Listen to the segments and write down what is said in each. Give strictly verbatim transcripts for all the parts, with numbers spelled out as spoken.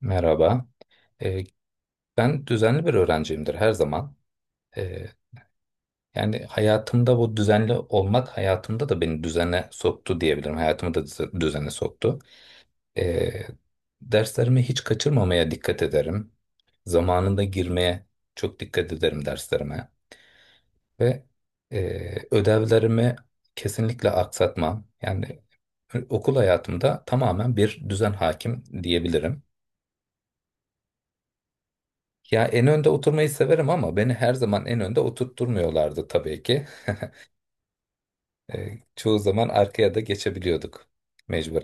Merhaba. Ee, Ben düzenli bir öğrenciyimdir her zaman. Ee, Yani hayatımda bu düzenli olmak hayatımda da beni düzene soktu diyebilirim. Hayatımı da düze- düzene soktu. Ee, Derslerimi hiç kaçırmamaya dikkat ederim. Zamanında girmeye çok dikkat ederim derslerime. Ve e, ödevlerimi kesinlikle aksatmam. Yani e, okul hayatımda tamamen bir düzen hakim diyebilirim. Ya en önde oturmayı severim ama beni her zaman en önde oturtturmuyorlardı tabii ki. E, çoğu zaman arkaya da geçebiliyorduk mecbur.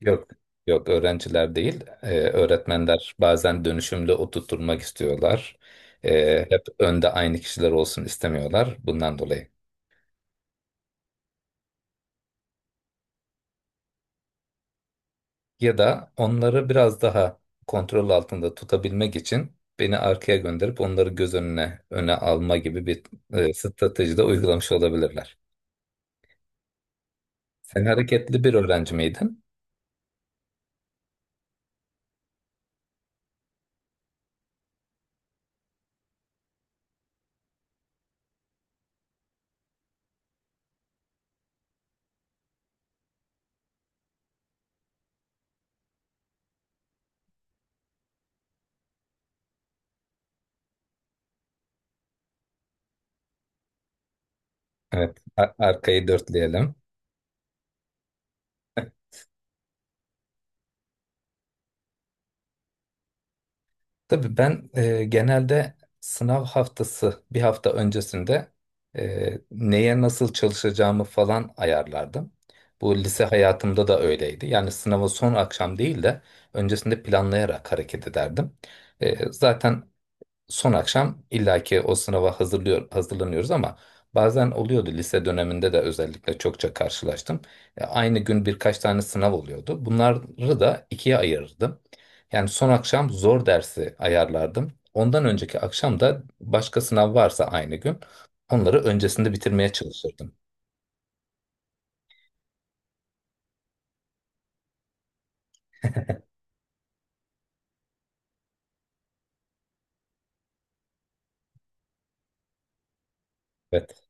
Yok. Yok, öğrenciler değil. E, öğretmenler bazen dönüşümlü oturtturmak istiyorlar. E, hep önde aynı kişiler olsun istemiyorlar bundan dolayı. Ya da onları biraz daha kontrol altında tutabilmek için beni arkaya gönderip onları göz önüne öne alma gibi bir e, strateji de uygulamış olabilirler. Sen hareketli bir öğrenci miydin? Evet, a- arkayı dörtleyelim. Tabii ben e, genelde sınav haftası bir hafta öncesinde e, neye nasıl çalışacağımı falan ayarlardım. Bu lise hayatımda da öyleydi. Yani sınavı son akşam değil de öncesinde planlayarak hareket ederdim. E, zaten son akşam illaki o sınava hazırlıyor, hazırlanıyoruz ama bazen oluyordu lise döneminde de özellikle çokça karşılaştım. E, Aynı gün birkaç tane sınav oluyordu. Bunları da ikiye ayırırdım. Yani son akşam zor dersi ayarlardım. Ondan önceki akşam da başka sınav varsa aynı gün onları öncesinde bitirmeye çalışırdım. Evet.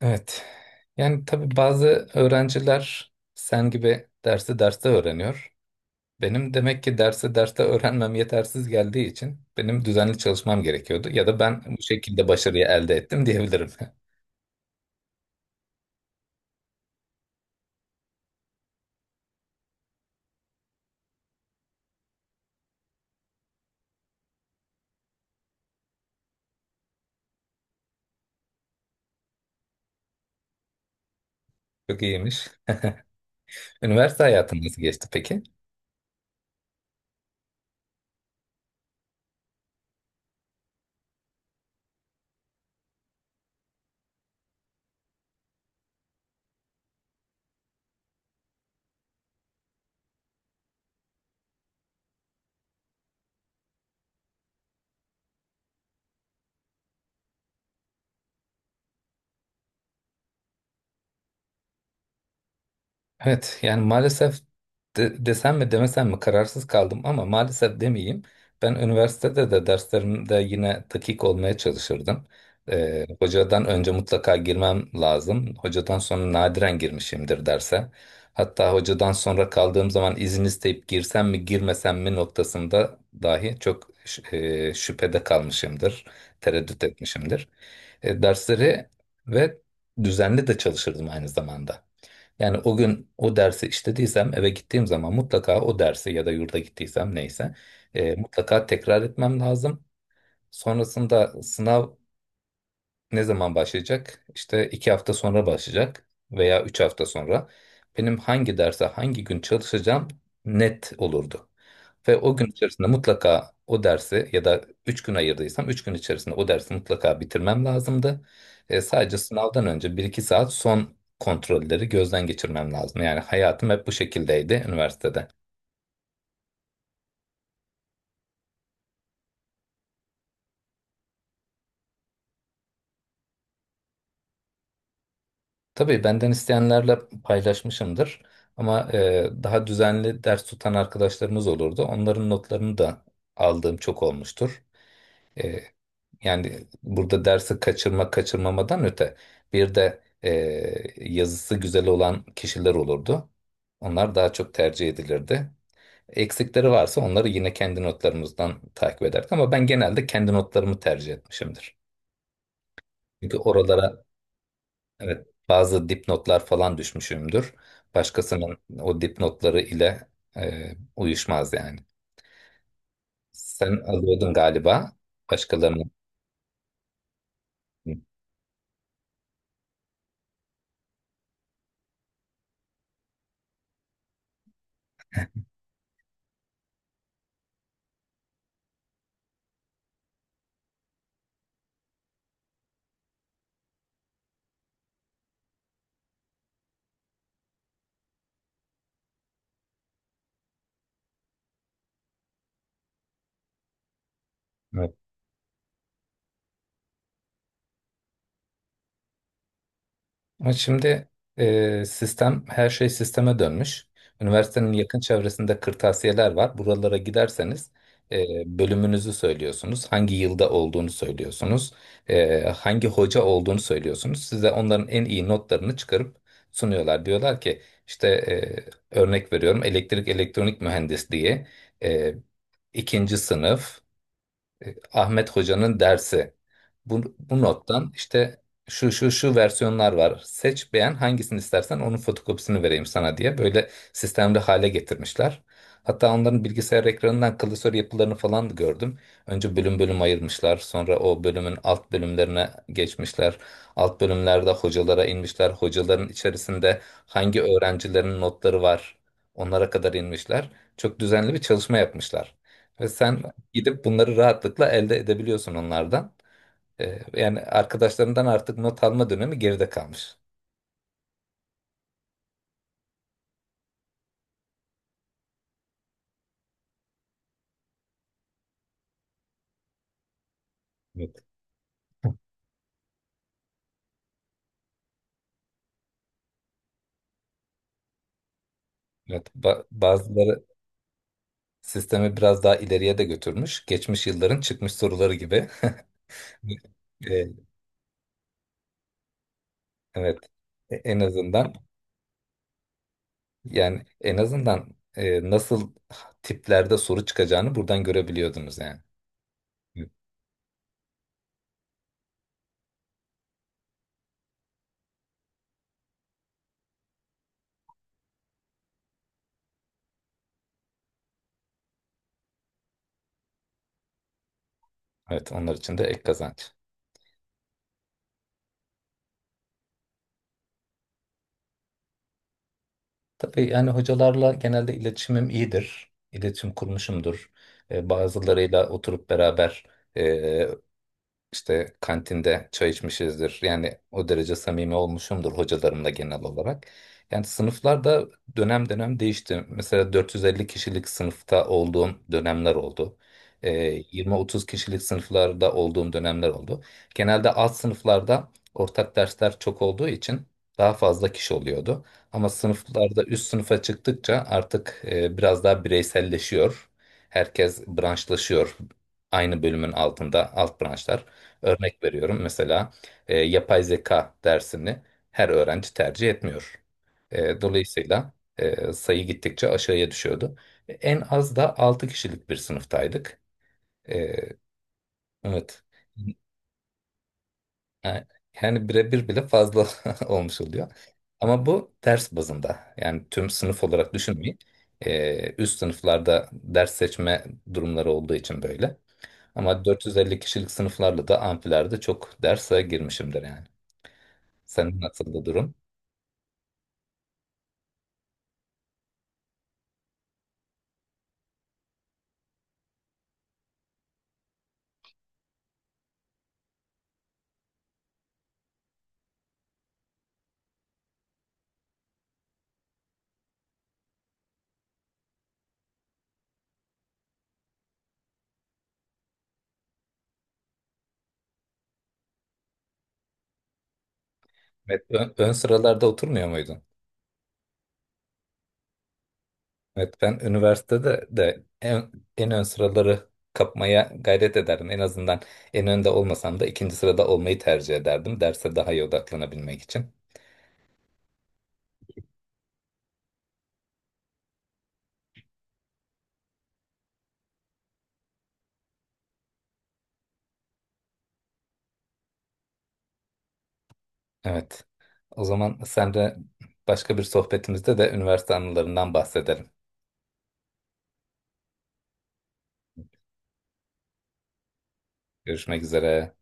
Evet, yani tabii bazı öğrenciler sen gibi dersi derste öğreniyor. Benim demek ki derse derste öğrenmem yetersiz geldiği için benim düzenli çalışmam gerekiyordu. Ya da ben bu şekilde başarıyı elde ettim diyebilirim. Çok iyiymiş. Üniversite hayatın nasıl geçti peki? Evet yani maalesef de- desem mi demesem mi kararsız kaldım ama maalesef demeyeyim. Ben üniversitede de derslerimde yine dakik olmaya çalışırdım. Ee, hocadan önce mutlaka girmem lazım. Hocadan sonra nadiren girmişimdir derse. Hatta hocadan sonra kaldığım zaman izin isteyip girsem mi girmesem mi noktasında dahi çok ş- e, şüphede kalmışımdır. Tereddüt etmişimdir. E, dersleri ve düzenli de çalışırdım aynı zamanda. Yani o gün o dersi işlediysem eve gittiğim zaman mutlaka o dersi ya da yurda gittiysem neyse e, mutlaka tekrar etmem lazım. Sonrasında sınav ne zaman başlayacak? İşte iki hafta sonra başlayacak veya üç hafta sonra. Benim hangi derse hangi gün çalışacağım net olurdu. Ve o gün içerisinde mutlaka o dersi ya da üç gün ayırdıysam üç gün içerisinde o dersi mutlaka bitirmem lazımdı. E, sadece sınavdan önce bir iki saat son kontrolleri gözden geçirmem lazım. Yani hayatım hep bu şekildeydi üniversitede. Tabii benden isteyenlerle paylaşmışımdır. Ama e, daha düzenli ders tutan arkadaşlarımız olurdu. Onların notlarını da aldığım çok olmuştur. E, Yani burada dersi kaçırma kaçırmamadan öte bir de e, yazısı güzel olan kişiler olurdu. Onlar daha çok tercih edilirdi. Eksikleri varsa onları yine kendi notlarımızdan takip ederdik ama ben genelde kendi notlarımı tercih etmişimdir. Çünkü oralara evet bazı dipnotlar falan düşmüşümdür. Başkasının o dipnotları ile e, uyuşmaz yani. Sen alıyordun galiba başkalarının. Ama şimdi e, sistem her şey sisteme dönmüş. Üniversitenin yakın çevresinde kırtasiyeler var. Buralara giderseniz e, bölümünüzü söylüyorsunuz. Hangi yılda olduğunu söylüyorsunuz. E, hangi hoca olduğunu söylüyorsunuz. Size onların en iyi notlarını çıkarıp sunuyorlar. Diyorlar ki işte e, örnek veriyorum elektrik elektronik mühendisliği, e, ikinci sınıf, e, Ahmet Hoca'nın dersi. Bu, bu nottan işte şu şu şu versiyonlar var. Seç beğen hangisini istersen onun fotokopisini vereyim sana diye böyle sistemli hale getirmişler. Hatta onların bilgisayar ekranından klasör yapılarını falan da gördüm. Önce bölüm bölüm ayırmışlar. Sonra o bölümün alt bölümlerine geçmişler. Alt bölümlerde hocalara inmişler. Hocaların içerisinde hangi öğrencilerin notları var onlara kadar inmişler. Çok düzenli bir çalışma yapmışlar. Ve sen gidip bunları rahatlıkla elde edebiliyorsun onlardan. Ee, yani arkadaşlarından artık not alma dönemi geride kalmış. Evet. Evet, ba- bazıları sistemi biraz daha ileriye de götürmüş. Geçmiş yılların çıkmış soruları gibi. Ee, Evet. E- En azından yani en azından e, nasıl tiplerde soru çıkacağını buradan görebiliyordunuz yani. Evet. Evet, onlar için de ek kazanç. Tabii yani hocalarla genelde iletişimim iyidir. İletişim kurmuşumdur. E, bazılarıyla oturup beraber işte kantinde çay içmişizdir. Yani o derece samimi olmuşumdur hocalarımla genel olarak. Yani sınıflar da dönem dönem değişti. Mesela dört yüz elli kişilik sınıfta olduğum dönemler oldu. Ee, yirmi otuz kişilik sınıflarda olduğum dönemler oldu. Genelde alt sınıflarda ortak dersler çok olduğu için daha fazla kişi oluyordu. Ama sınıflarda üst sınıfa çıktıkça artık e, biraz daha bireyselleşiyor. Herkes branşlaşıyor. Aynı bölümün altında alt branşlar. Örnek veriyorum mesela e, yapay zeka dersini her öğrenci tercih etmiyor. E, dolayısıyla e, sayı gittikçe aşağıya düşüyordu. En az da altı kişilik bir sınıftaydık. E, evet. Yani yani birebir bile fazla olmuş oluyor. Ama bu ders bazında. Yani tüm sınıf olarak düşünmeyin. E, üst sınıflarda ders seçme durumları olduğu için böyle. Ama dört yüz elli kişilik sınıflarla da amfilerde çok derse girmişimdir yani. Senin nasıldı durum? Met ön, ön sıralarda oturmuyor muydun? Evet ben üniversitede de en, en ön sıraları kapmaya gayret ederdim. En azından en önde olmasam da ikinci sırada olmayı tercih ederdim. Derse daha iyi odaklanabilmek için. Evet. O zaman sen de başka bir sohbetimizde de üniversite anılarından bahsedelim. Görüşmek üzere.